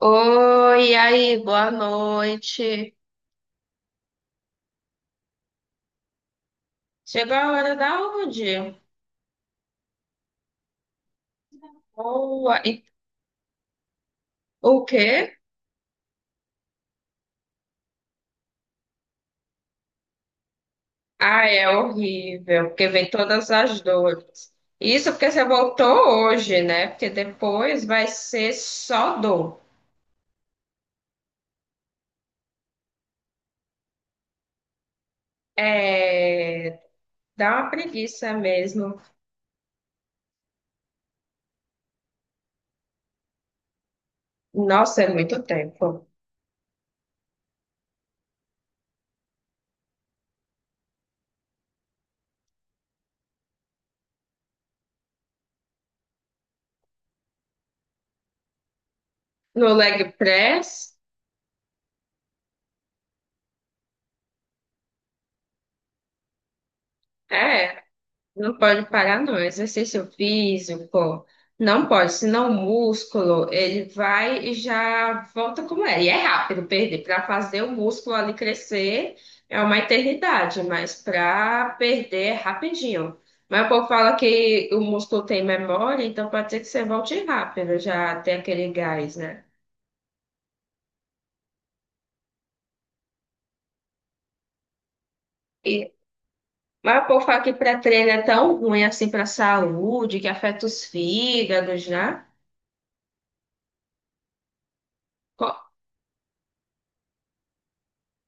Oi, e aí, boa noite. Chegou a hora da onde? Boa. O quê? Ah, é horrível, porque vem todas as dores. Isso porque você voltou hoje, né? Porque depois vai ser só dor. É, dá uma preguiça mesmo. Nossa, é muito tempo. No leg press? É. Não pode parar, não. Exercício físico, não pode, senão o músculo, ele vai e já volta como era. E é rápido perder. Para fazer o músculo ali crescer é uma eternidade, mas para perder é rapidinho. Mas o povo fala que o músculo tem memória, então pode ser que você volte rápido, já tem aquele gás, né? E, mas o povo fala que pré-treino é tão ruim assim para a saúde, que afeta os fígados, né? Co-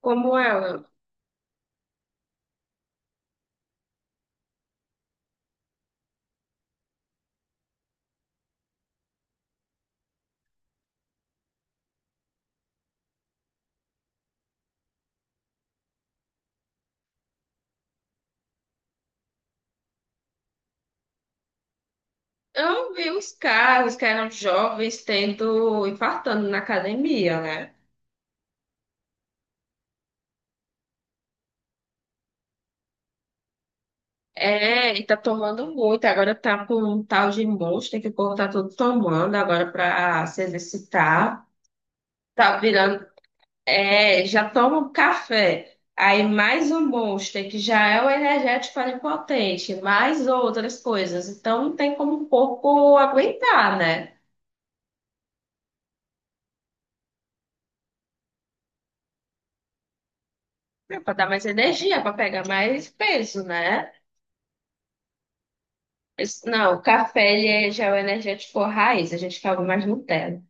Como é? Eu vi os caras que eram jovens tendo, infartando na academia, né? É, e tá tomando muito. Agora tá com um tal de Monster que o povo tá tudo tomando agora pra se exercitar. Tá virando. É, já toma um café. Aí mais um Monster, que já é o energético onipotente, mais outras coisas. Então não tem como o corpo aguentar, né? É, pra dar mais energia, pra pegar mais peso, né? Não, o café ele é, já é o energético raiz, a gente quer algo mais Nutella.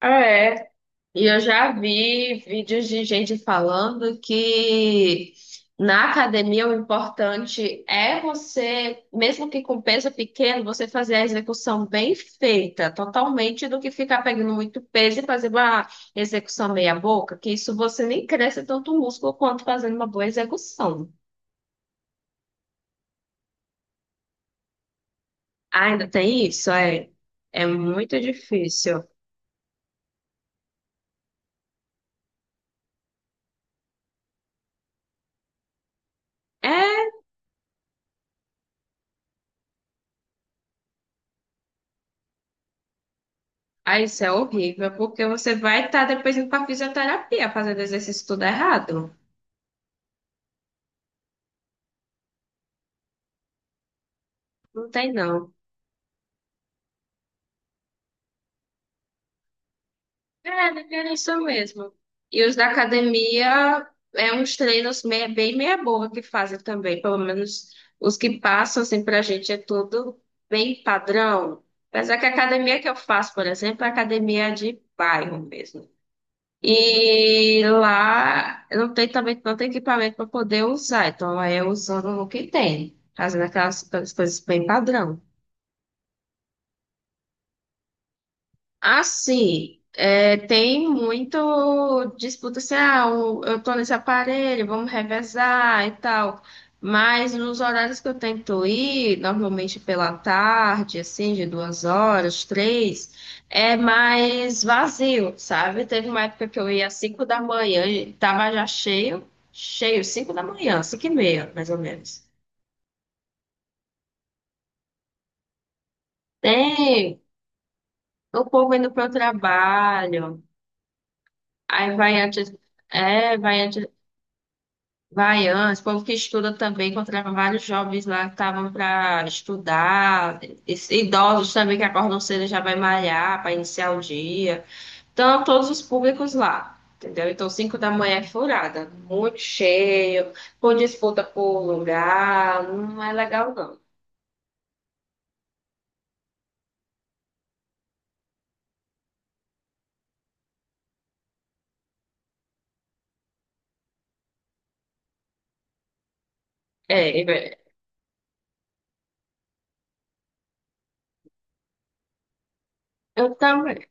Ah, é. E eu já vi vídeos de gente falando que na academia o importante é você, mesmo que com peso pequeno, você fazer a execução bem feita, totalmente, do que ficar pegando muito peso e fazer uma execução meia boca, que isso você nem cresce tanto o músculo quanto fazendo uma boa execução. Ah, ainda tem isso? É, é muito difícil. É. Ah, isso é horrível, porque você vai estar depois indo para fisioterapia fazendo exercício tudo errado. Não tem, não. É, não tem isso mesmo. E os da academia é uns treinos bem meia boca que fazem também. Pelo menos os que passam assim pra gente é tudo bem padrão. Apesar que a academia que eu faço, por exemplo, é academia de bairro mesmo. E lá não tem, também não tem equipamento para poder usar, então lá é usando o que tem, fazendo aquelas coisas bem padrão. Assim, é, tem muito disputa assim, ah, eu tô nesse aparelho, vamos revezar e tal. Mas nos horários que eu tento ir, normalmente pela tarde, assim, de 2 horas, três, é mais vazio, sabe? Teve uma época que eu ia às 5 da manhã e tava já cheio, cheio, 5 da manhã, 5h30, mais ou menos. Tem o povo indo para o trabalho, aí vai antes. É, vai antes. Baiana, esse povo que estuda também, encontrava vários jovens lá que estavam para estudar, esses idosos também que acordam cedo e já vai malhar para iniciar o dia. Então, todos os públicos lá, entendeu? Então, 5 da manhã é furada, muito cheio, com disputa por lugar, não é legal não. É, é, eu também.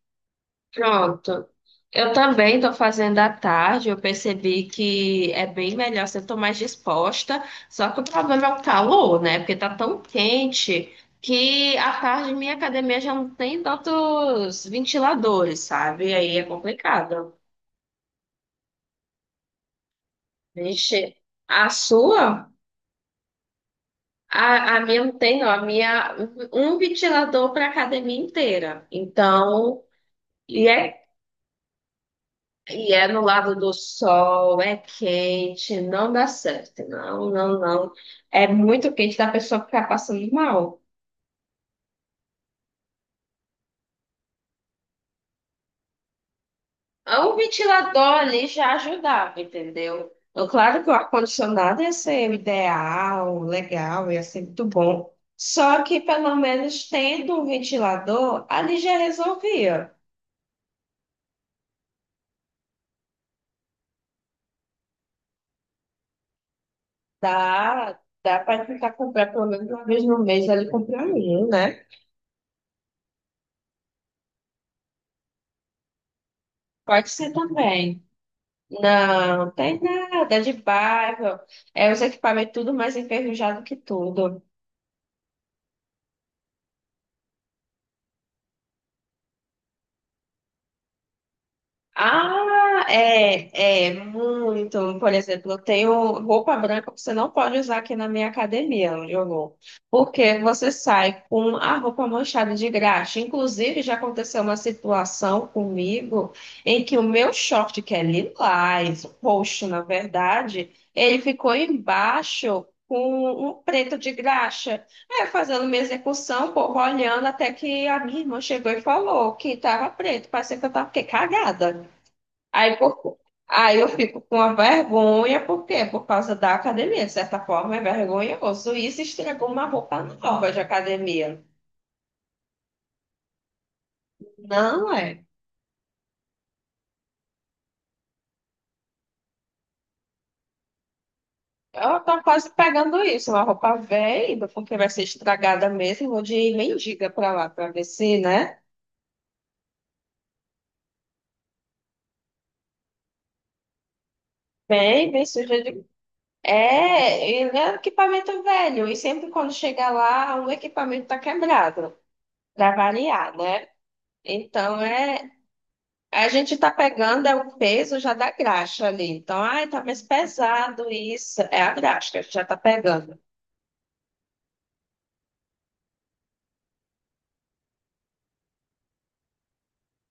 Pronto. Eu também estou fazendo à tarde. Eu percebi que é bem melhor, se eu estou mais disposta. Só que o problema é o calor, né? Porque tá tão quente que à tarde minha academia já não tem tantos ventiladores, sabe? Aí é complicado. Vixe, a sua? A minha não tem, não. A minha, um ventilador para a academia inteira. Então, e é e é no lado do sol, é quente, não dá certo. Não, não, não. É muito quente, da pessoa ficar passando mal. Um ventilador ali já ajudava, entendeu? Então, claro que o ar-condicionado ia ser o ideal, legal, ia ser muito bom. Só que pelo menos tendo um ventilador, ali já resolvia. Dá, dá para tentar comprar pelo menos uma vez no mês ali, comprar um, né? Pode ser também. Não, tem nada, é de bairro. É, os equipamentos tudo mais enferrujado que tudo. Ah, é, é, muito. Por exemplo, eu tenho roupa branca que você não pode usar aqui na minha academia, onde eu vou. Porque você sai com a roupa manchada de graxa. Inclusive, já aconteceu uma situação comigo em que o meu short, que é lilás, roxo, na verdade, ele ficou embaixo com um preto de graxa. Aí, eu fazendo minha execução, o povo olhando, até que a minha irmã chegou e falou que estava preto. Parecia que eu estava cagada. Aí, por- aí eu fico com a vergonha, por quê? Por causa da academia, de certa forma, é vergonhoso. Isso estragou uma roupa nova de academia. Não é? Eu tô quase pegando isso, uma roupa velha, porque vai ser estragada mesmo. Vou de mendiga pra lá, pra ver se, né? Bem, bem suja de. É, e é um equipamento velho, e sempre quando chega lá, o equipamento tá quebrado, pra variar, né? Então, é, a gente está pegando é o peso já da graxa ali. Então, ai, tá mais pesado isso. É a graxa que a gente já está pegando.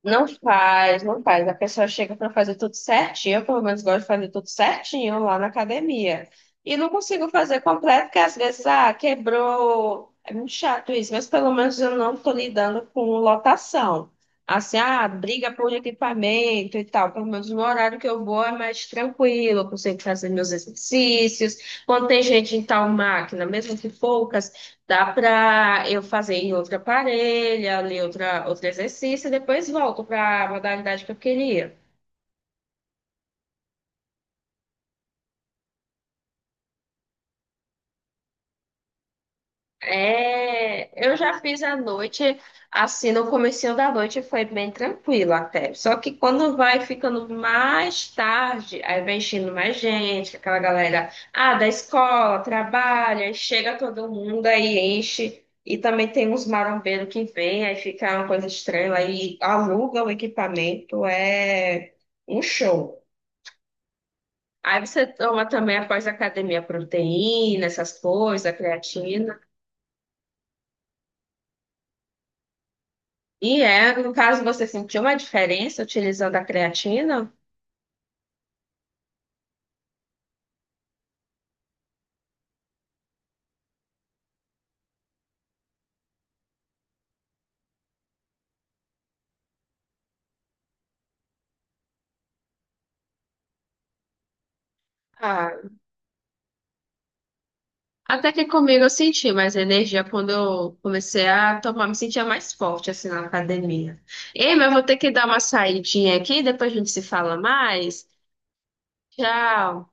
Não faz, não faz. A pessoa chega para fazer tudo certinho. Eu, pelo menos, gosto de fazer tudo certinho lá na academia. E não consigo fazer completo, porque às vezes, ah, quebrou. É muito chato isso, mas pelo menos eu não estou lidando com lotação. Assim, ah, briga por equipamento e tal. Pelo menos no horário que eu vou é mais tranquilo, eu consigo fazer meus exercícios. Quando tem gente em tal máquina, mesmo que poucas, dá para eu fazer em outra parelha, ali outra, outro exercício, e depois volto para a modalidade que eu queria. É, eu já fiz a noite, assim, no comecinho da noite foi bem tranquilo até. Só que quando vai ficando mais tarde, aí vem enchendo mais gente, aquela galera, ah, da escola, trabalha, e chega todo mundo, aí enche. E também tem uns marombeiros que vêm, aí fica uma coisa estranha, aí aluga o equipamento, é um show. Aí você toma também após a academia proteína, essas coisas, creatina. E é, no caso, você sentiu uma diferença utilizando a creatina? Ah, até que comigo eu senti mais energia quando eu comecei a tomar, me sentia mais forte assim na academia. Ei, mas eu vou ter que dar uma saidinha aqui, depois a gente se fala mais. Tchau.